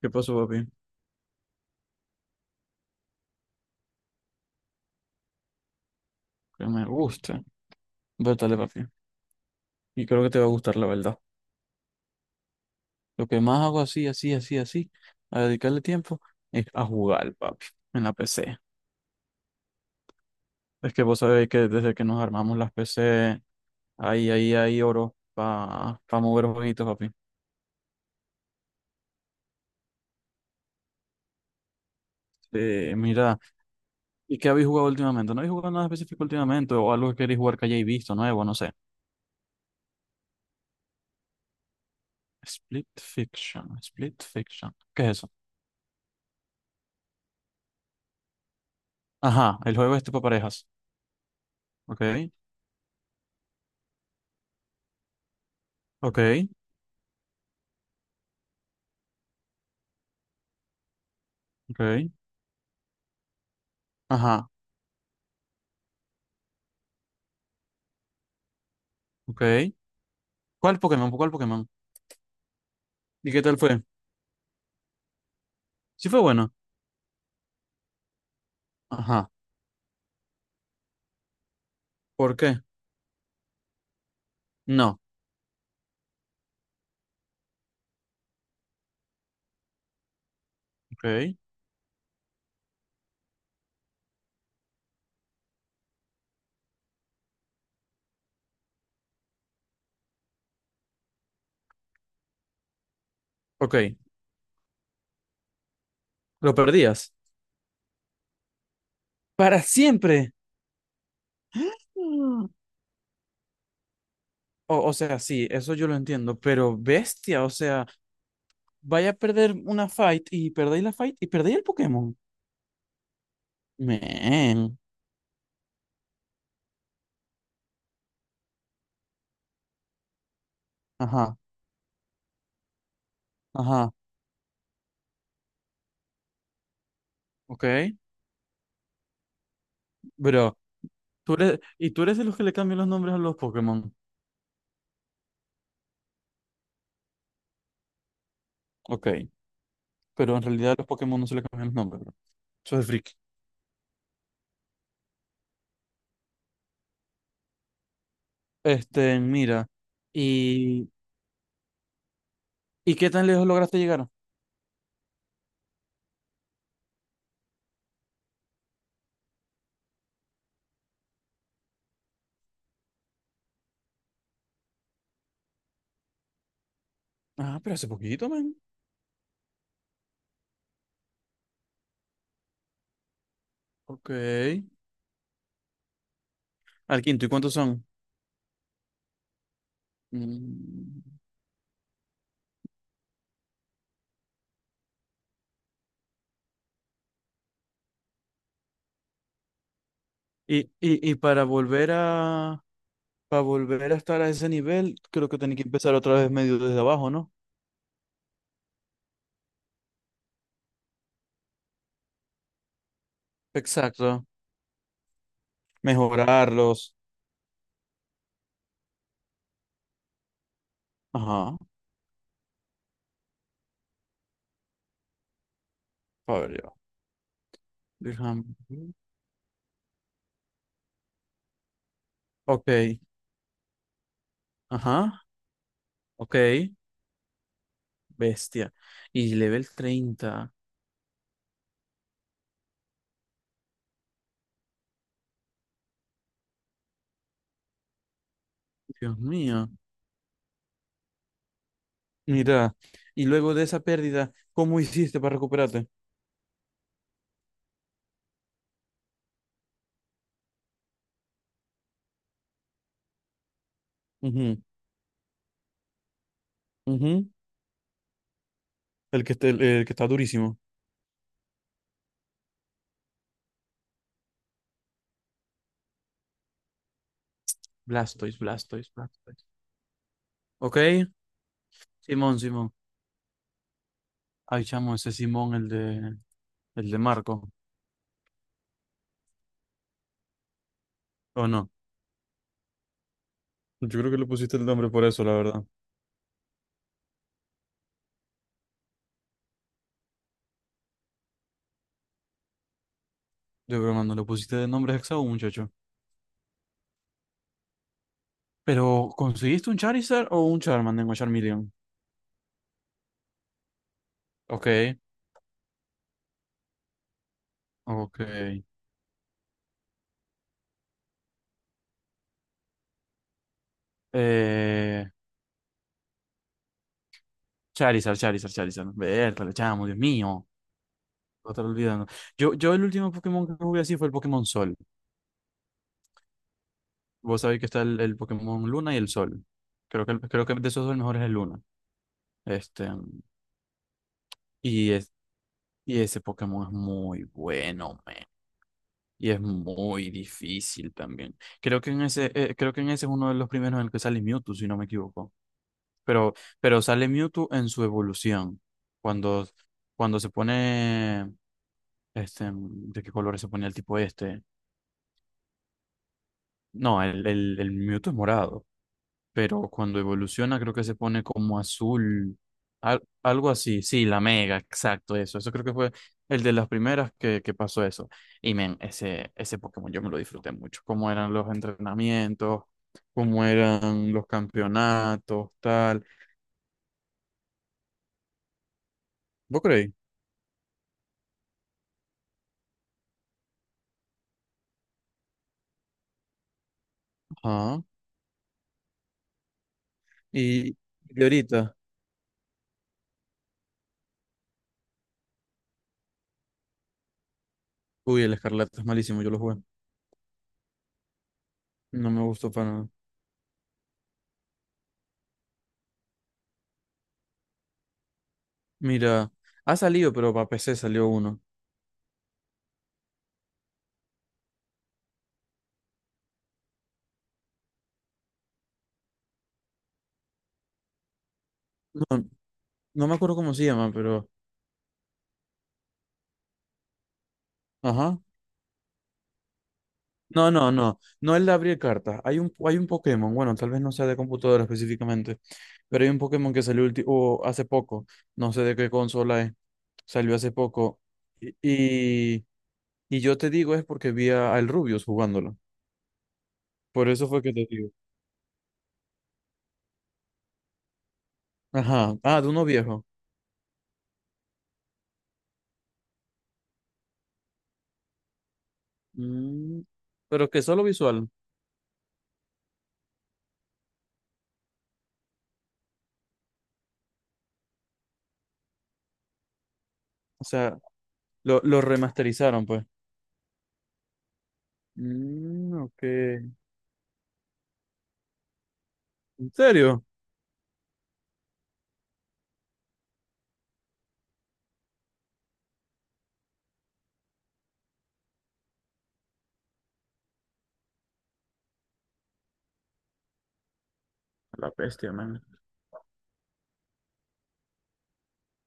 ¿Qué pasó, papi? Que me gusta. Vétale, papi. Y creo que te va a gustar, la verdad. Lo que más hago así, así, así, así, a dedicarle tiempo, es a jugar, papi, en la PC. Es que vos sabéis que desde que nos armamos las PC, ahí, ahí, ahí, oro, para mover jueguitos, papi. Mira, ¿y qué habéis jugado últimamente? ¿No habéis jugado nada específico últimamente? ¿O algo que queréis jugar que hayáis visto nuevo? No sé. Split Fiction, Split Fiction. ¿Qué es eso? Ajá, el juego este para parejas. Ok, ok, ok. Ajá. Ok. ¿Cuál Pokémon? ¿Cuál Pokémon? ¿Y qué tal fue? Sí fue bueno. Ajá. ¿Por qué? No. Ok. Ok. Lo perdías. Para siempre. Mm. O sea, sí, eso yo lo entiendo, pero bestia, o sea, vaya a perder una fight y perdéis la fight y perdéis el Pokémon. Men. Ajá. Ajá. Ok. Bro, tú eres de los que le cambian los nombres a los Pokémon. Ok. Pero en realidad a los Pokémon no se le cambian los nombres, bro. Eso es friki. Mira. ¿Y qué tan lejos lograste llegar? Ah, pero hace poquito, man. Ok. Al quinto, ¿y cuántos son? Mm. Y, para volver a estar a ese nivel, creo que tenía que empezar otra vez medio desde abajo, ¿no? Exacto. Mejorarlos. Ajá. A ver yo. Dirham. Ok. Ajá. Ok. Bestia. Y level 30. Dios mío. Mira. Y luego de esa pérdida, ¿cómo hiciste para recuperarte? Ujú, ujú. El que está durísimo. Blastoise, Blastoise, Blastoise. Ok, Simón, Simón. Ay, chamo, ese Simón, el de Marco. ¿O no? Yo creo que le pusiste el nombre por eso, la verdad. De broma, no le pusiste de nombre hexago, muchacho. Pero, ¿conseguiste un Charizard o un Charmander o Charmeleon? Ok, ok. Eh, Charizard, Charizard, Charizard. Vértale, chamo, Dios mío. Lo estaba olvidando. Yo el último Pokémon que jugué así fue el Pokémon Sol. Vos sabéis que está el Pokémon Luna y el Sol. Creo que de esos dos el mejor es el Luna. Este, y, es, y ese Pokémon es muy bueno, man. Y es muy difícil también. Creo que en ese es uno de los primeros en el que sale Mewtwo, si no me equivoco. Pero, pero sale Mewtwo en su evolución. Cuando, cuando se pone, ¿de qué color se pone el tipo este? No, el Mewtwo es morado. Pero cuando evoluciona creo que se pone como azul, algo así, sí, la mega, exacto, eso creo que fue el de las primeras que pasó eso. Y men, ese Pokémon yo me lo disfruté mucho, cómo eran los entrenamientos, cómo eran los campeonatos, tal. ¿Vos creéis? Ajá. Y, y ahorita, uy, el Escarlata es malísimo, yo lo jugué, no me gustó para nada. Mira, ha salido, pero para PC salió uno. No, no me acuerdo cómo se llama, pero... Ajá. No, no, no. No el de abrir cartas. Hay un Pokémon, bueno, tal vez no sea de computadora específicamente, pero hay un Pokémon que salió o hace poco. No sé de qué consola es. Salió hace poco. Y, y, y yo te digo es porque vi al Rubius jugándolo. Por eso fue que te digo. Ajá. Ah, de uno viejo. Mm, pero que solo visual. O sea, lo remasterizaron, pues. Mm, ok. ¿En serio? La bestia, man.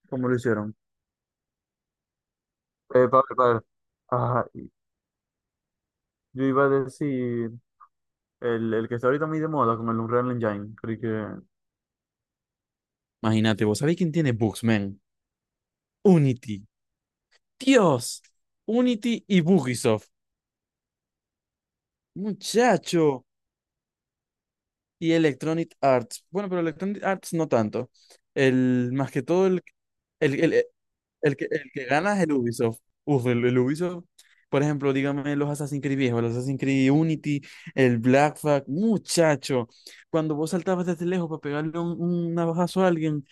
¿Cómo lo hicieron? Padre, padre. Ajá, yo iba a decir el que está ahorita muy de moda con el Unreal Engine. Creo que. Imagínate, ¿vos sabéis quién tiene bugs, man? Unity. Dios. Unity y Bugisoft. Muchacho. Y Electronic Arts. Bueno, pero Electronic Arts no tanto. El, más que todo, el, el, el que gana es el Ubisoft. Uf, el Ubisoft, por ejemplo, dígame los Assassin's Creed viejos, los Assassin's Creed Unity, el Black Flag, muchacho. Cuando vos saltabas desde lejos para pegarle un navajazo a alguien,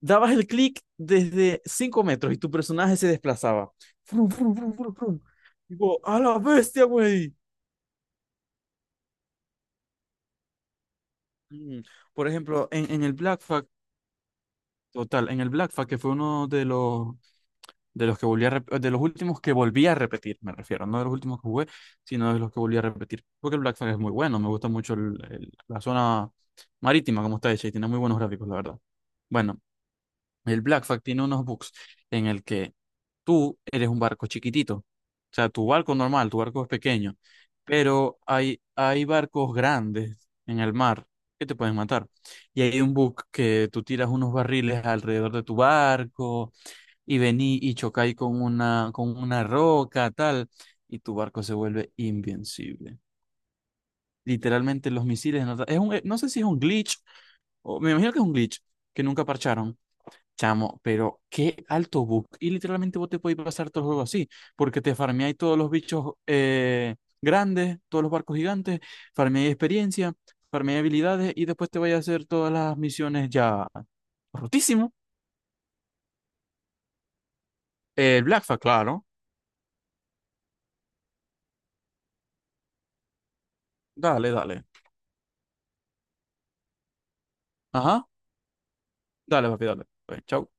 dabas el clic desde 5 metros y tu personaje se desplazaba. Frum, frum, frum, frum, frum. Digo, a la bestia, güey. Mm, Por ejemplo, en el Black Flag. Total, en el Black Flag, que fue uno de los últimos que volví a repetir, me refiero, no de los últimos que jugué, sino de los que volví a repetir. Porque el Black Flag es muy bueno, me gusta mucho la zona marítima como está hecha y tiene muy buenos gráficos, la verdad. Bueno, el Blackfack tiene unos bugs en el que tú eres un barco chiquitito. O sea, tu barco normal, tu barco es pequeño, pero hay barcos grandes en el mar que te pueden matar. Y hay un bug que tú tiras unos barriles alrededor de tu barco y vení y chocáis con una roca, tal, y tu barco se vuelve invencible. Literalmente los misiles... No, no sé si es un glitch, o, me imagino que es un glitch que nunca parcharon. Chamo, pero qué alto bug. Y literalmente vos te podés pasar todo el juego así, porque te farmeáis todos los bichos grandes, todos los barcos gigantes, farmeáis experiencia, farmeáis habilidades y después te vais a hacer todas las misiones ya rotísimo. El Blackfa, claro. Dale, dale. Ajá, dale, papi, dale. Pues, chau.